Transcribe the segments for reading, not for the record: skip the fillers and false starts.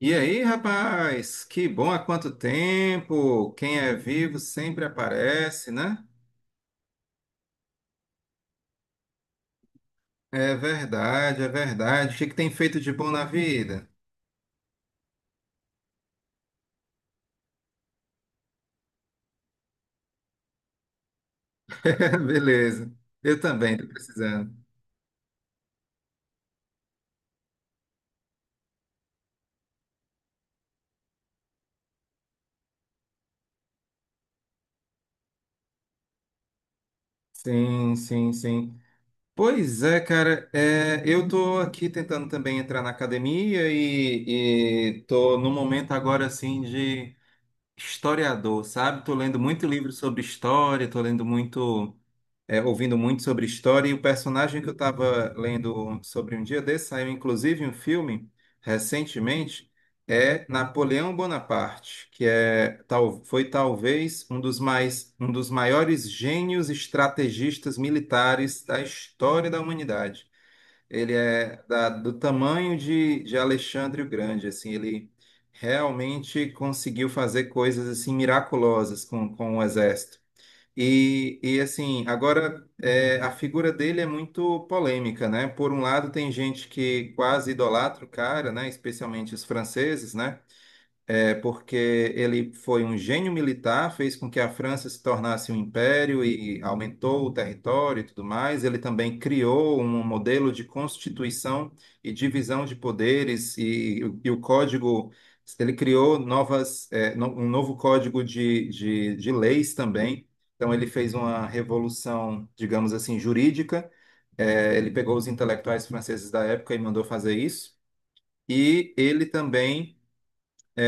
E aí, rapaz? Que bom há quanto tempo! Quem é vivo sempre aparece, né? É verdade, é verdade. O que que tem feito de bom na vida? Beleza. Eu também tô precisando. Sim, sim, sim. Pois é, cara, é, eu tô aqui tentando também entrar na academia e tô no momento agora assim de historiador, sabe? Tô lendo muito livro sobre história, tô lendo muito. Ouvindo muito sobre história, e o personagem que eu estava lendo sobre um dia desse, saiu inclusive um filme recentemente, é Napoleão Bonaparte, que é, tal, foi talvez um dos mais, um dos maiores gênios estrategistas militares da história da humanidade. Ele é do tamanho de Alexandre o Grande, assim, ele realmente conseguiu fazer coisas assim miraculosas com o exército. E assim, agora é, a figura dele é muito polêmica, né? Por um lado, tem gente que quase idolatra o cara, né? Especialmente os franceses, né? É porque ele foi um gênio militar, fez com que a França se tornasse um império e aumentou o território e tudo mais. Ele também criou um modelo de constituição e divisão de poderes e o código. Ele criou novas, um novo código de leis também. Então ele fez uma revolução, digamos assim, jurídica. Ele pegou os intelectuais franceses da época e mandou fazer isso. E ele também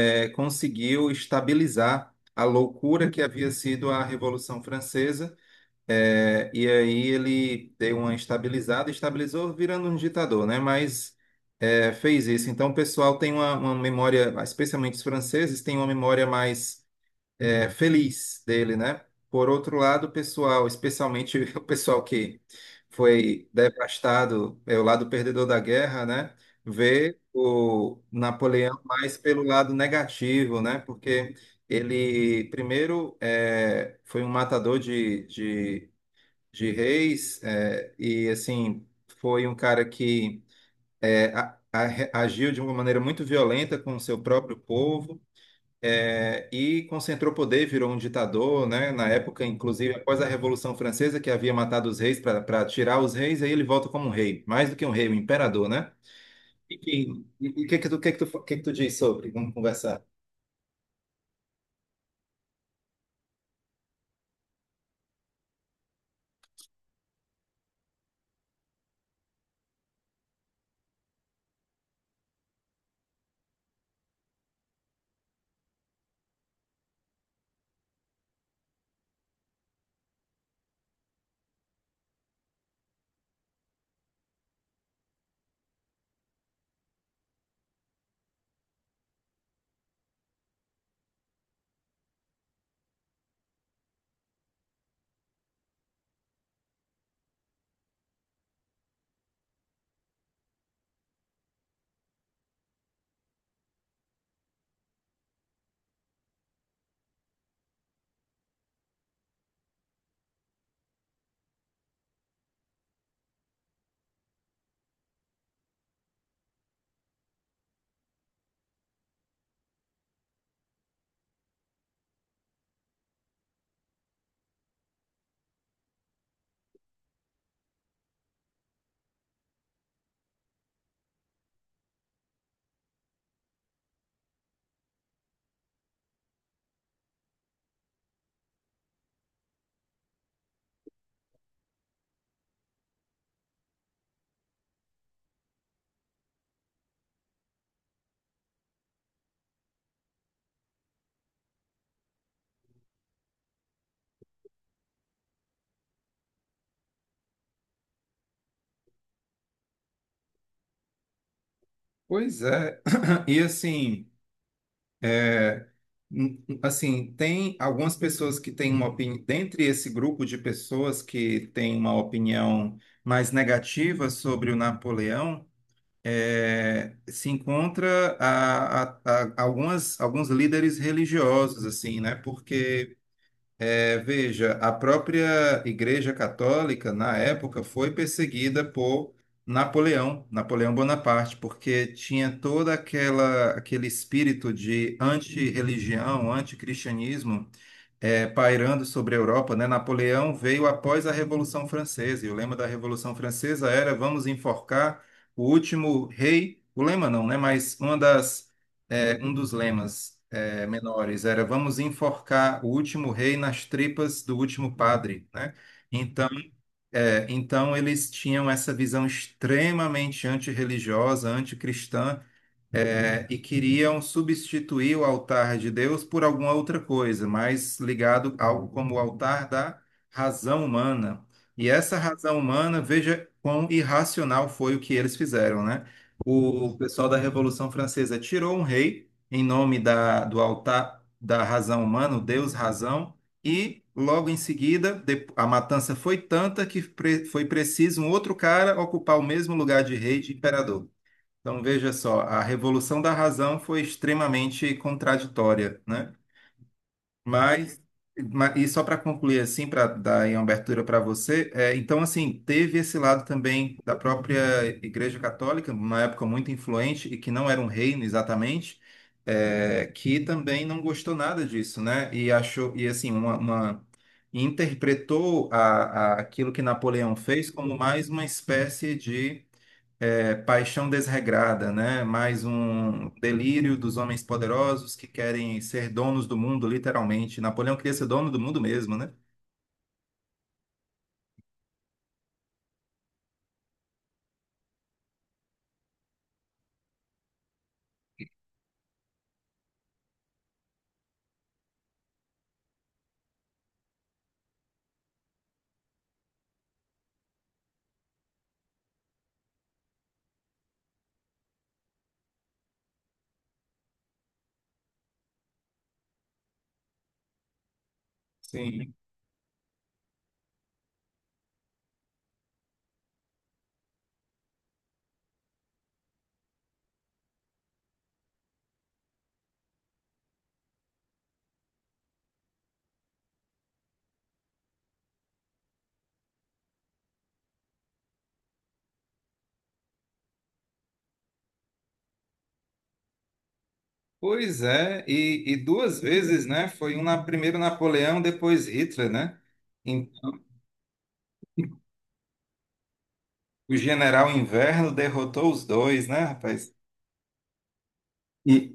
conseguiu estabilizar a loucura que havia sido a Revolução Francesa. E aí ele deu uma estabilizada, estabilizou virando um ditador, né? Mas fez isso. Então o pessoal tem uma memória, especialmente os franceses, têm uma memória mais feliz dele, né? Por outro lado, o pessoal, especialmente o pessoal que foi devastado, é o lado perdedor da guerra, né? Vê o Napoleão mais pelo lado negativo, né? Porque ele, primeiro, é, foi um matador de reis, é, e, assim, foi um cara que é, agiu de uma maneira muito violenta com o seu próprio povo é, e concentrou poder, virou um ditador, né? Na época, inclusive, após a Revolução Francesa, que havia matado os reis para tirar os reis, aí ele volta como um rei, mais do que um rei, um imperador, né? E e o que que tu, o que que tu, o que que tu diz sobre? Vamos conversar. Pois é. E assim, assim, tem algumas pessoas que têm uma opinião, dentre esse grupo de pessoas que têm uma opinião mais negativa sobre o Napoleão, é, se encontra a, algumas, alguns líderes religiosos, assim, né? Porque, é, veja, a própria Igreja Católica, na época, foi perseguida por Napoleão, Napoleão Bonaparte, porque tinha toda aquela aquele espírito de antirreligião, anticristianismo é, pairando sobre a Europa, né? Napoleão veio após a Revolução Francesa, e o lema da Revolução Francesa era vamos enforcar o último rei, o lema não, né? Mas uma das, é, um dos lemas é, menores era vamos enforcar o último rei nas tripas do último padre, né? Então, é, então eles tinham essa visão extremamente antirreligiosa, anticristã, é, e queriam substituir o altar de Deus por alguma outra coisa, mais ligado a algo como o altar da razão humana. E essa razão humana, veja quão irracional foi o que eles fizeram, né? O pessoal da Revolução Francesa tirou um rei em nome da, do altar da razão humana, o Deus razão, e logo em seguida a matança foi tanta que foi preciso um outro cara ocupar o mesmo lugar de rei e de imperador. Então, veja só, a revolução da razão foi extremamente contraditória, né? Uhum. Mas, e só para concluir assim, para dar aí uma abertura para você, é, então assim, teve esse lado também da própria Igreja Católica, uma época muito influente e que não era um reino exatamente, é, que também não gostou nada disso, né? E achou, e assim, uma, interpretou a, aquilo que Napoleão fez como mais uma espécie de é, paixão desregrada, né? Mais um delírio dos homens poderosos que querem ser donos do mundo, literalmente. Napoleão queria ser dono do mundo mesmo, né? Sim. Pois é, e duas vezes, né? Foi um na, primeiro Napoleão, depois Hitler, né? Então, o general Inverno derrotou os dois, né, rapaz? E,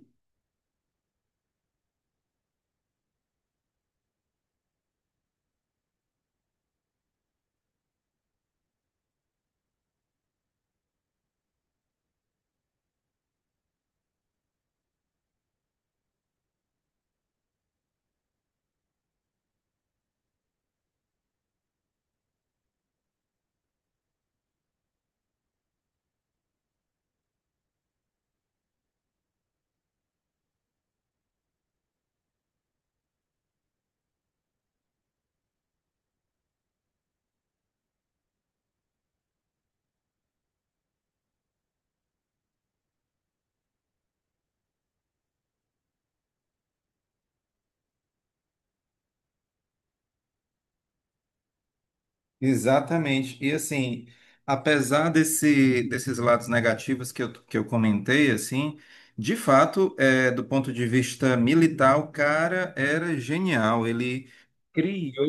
exatamente. E assim, apesar desse, desses lados negativos que que eu comentei, assim, de fato, é, do ponto de vista militar, o cara era genial. Ele criou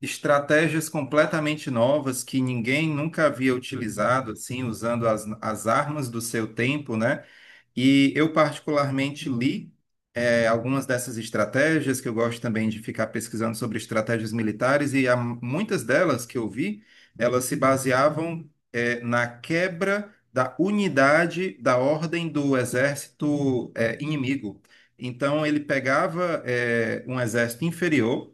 estratégias completamente novas que ninguém nunca havia utilizado, assim, usando as, as armas do seu tempo, né? E eu particularmente li algumas dessas estratégias, que eu gosto também de ficar pesquisando sobre estratégias militares, e há muitas delas que eu vi, elas se baseavam na quebra da unidade da ordem do exército inimigo. Então, ele pegava um exército inferior,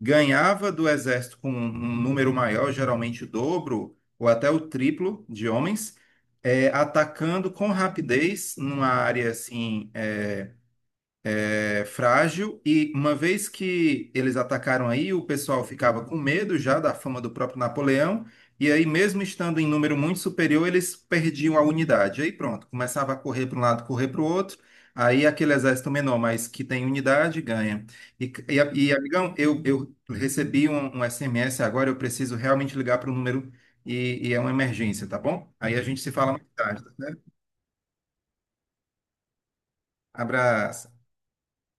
ganhava do exército com um número maior, geralmente o dobro ou até o triplo de homens, atacando com rapidez numa área assim. É frágil e uma vez que eles atacaram aí, o pessoal ficava com medo já da fama do próprio Napoleão, e aí mesmo estando em número muito superior, eles perdiam a unidade. Aí pronto, começava a correr para um lado, correr para o outro, aí aquele exército menor, mas que tem unidade, ganha. Amigão, eu recebi um, um SMS agora, eu preciso realmente ligar para o número e é uma emergência, tá bom? Aí a gente se fala mais tarde, tá. Abraço.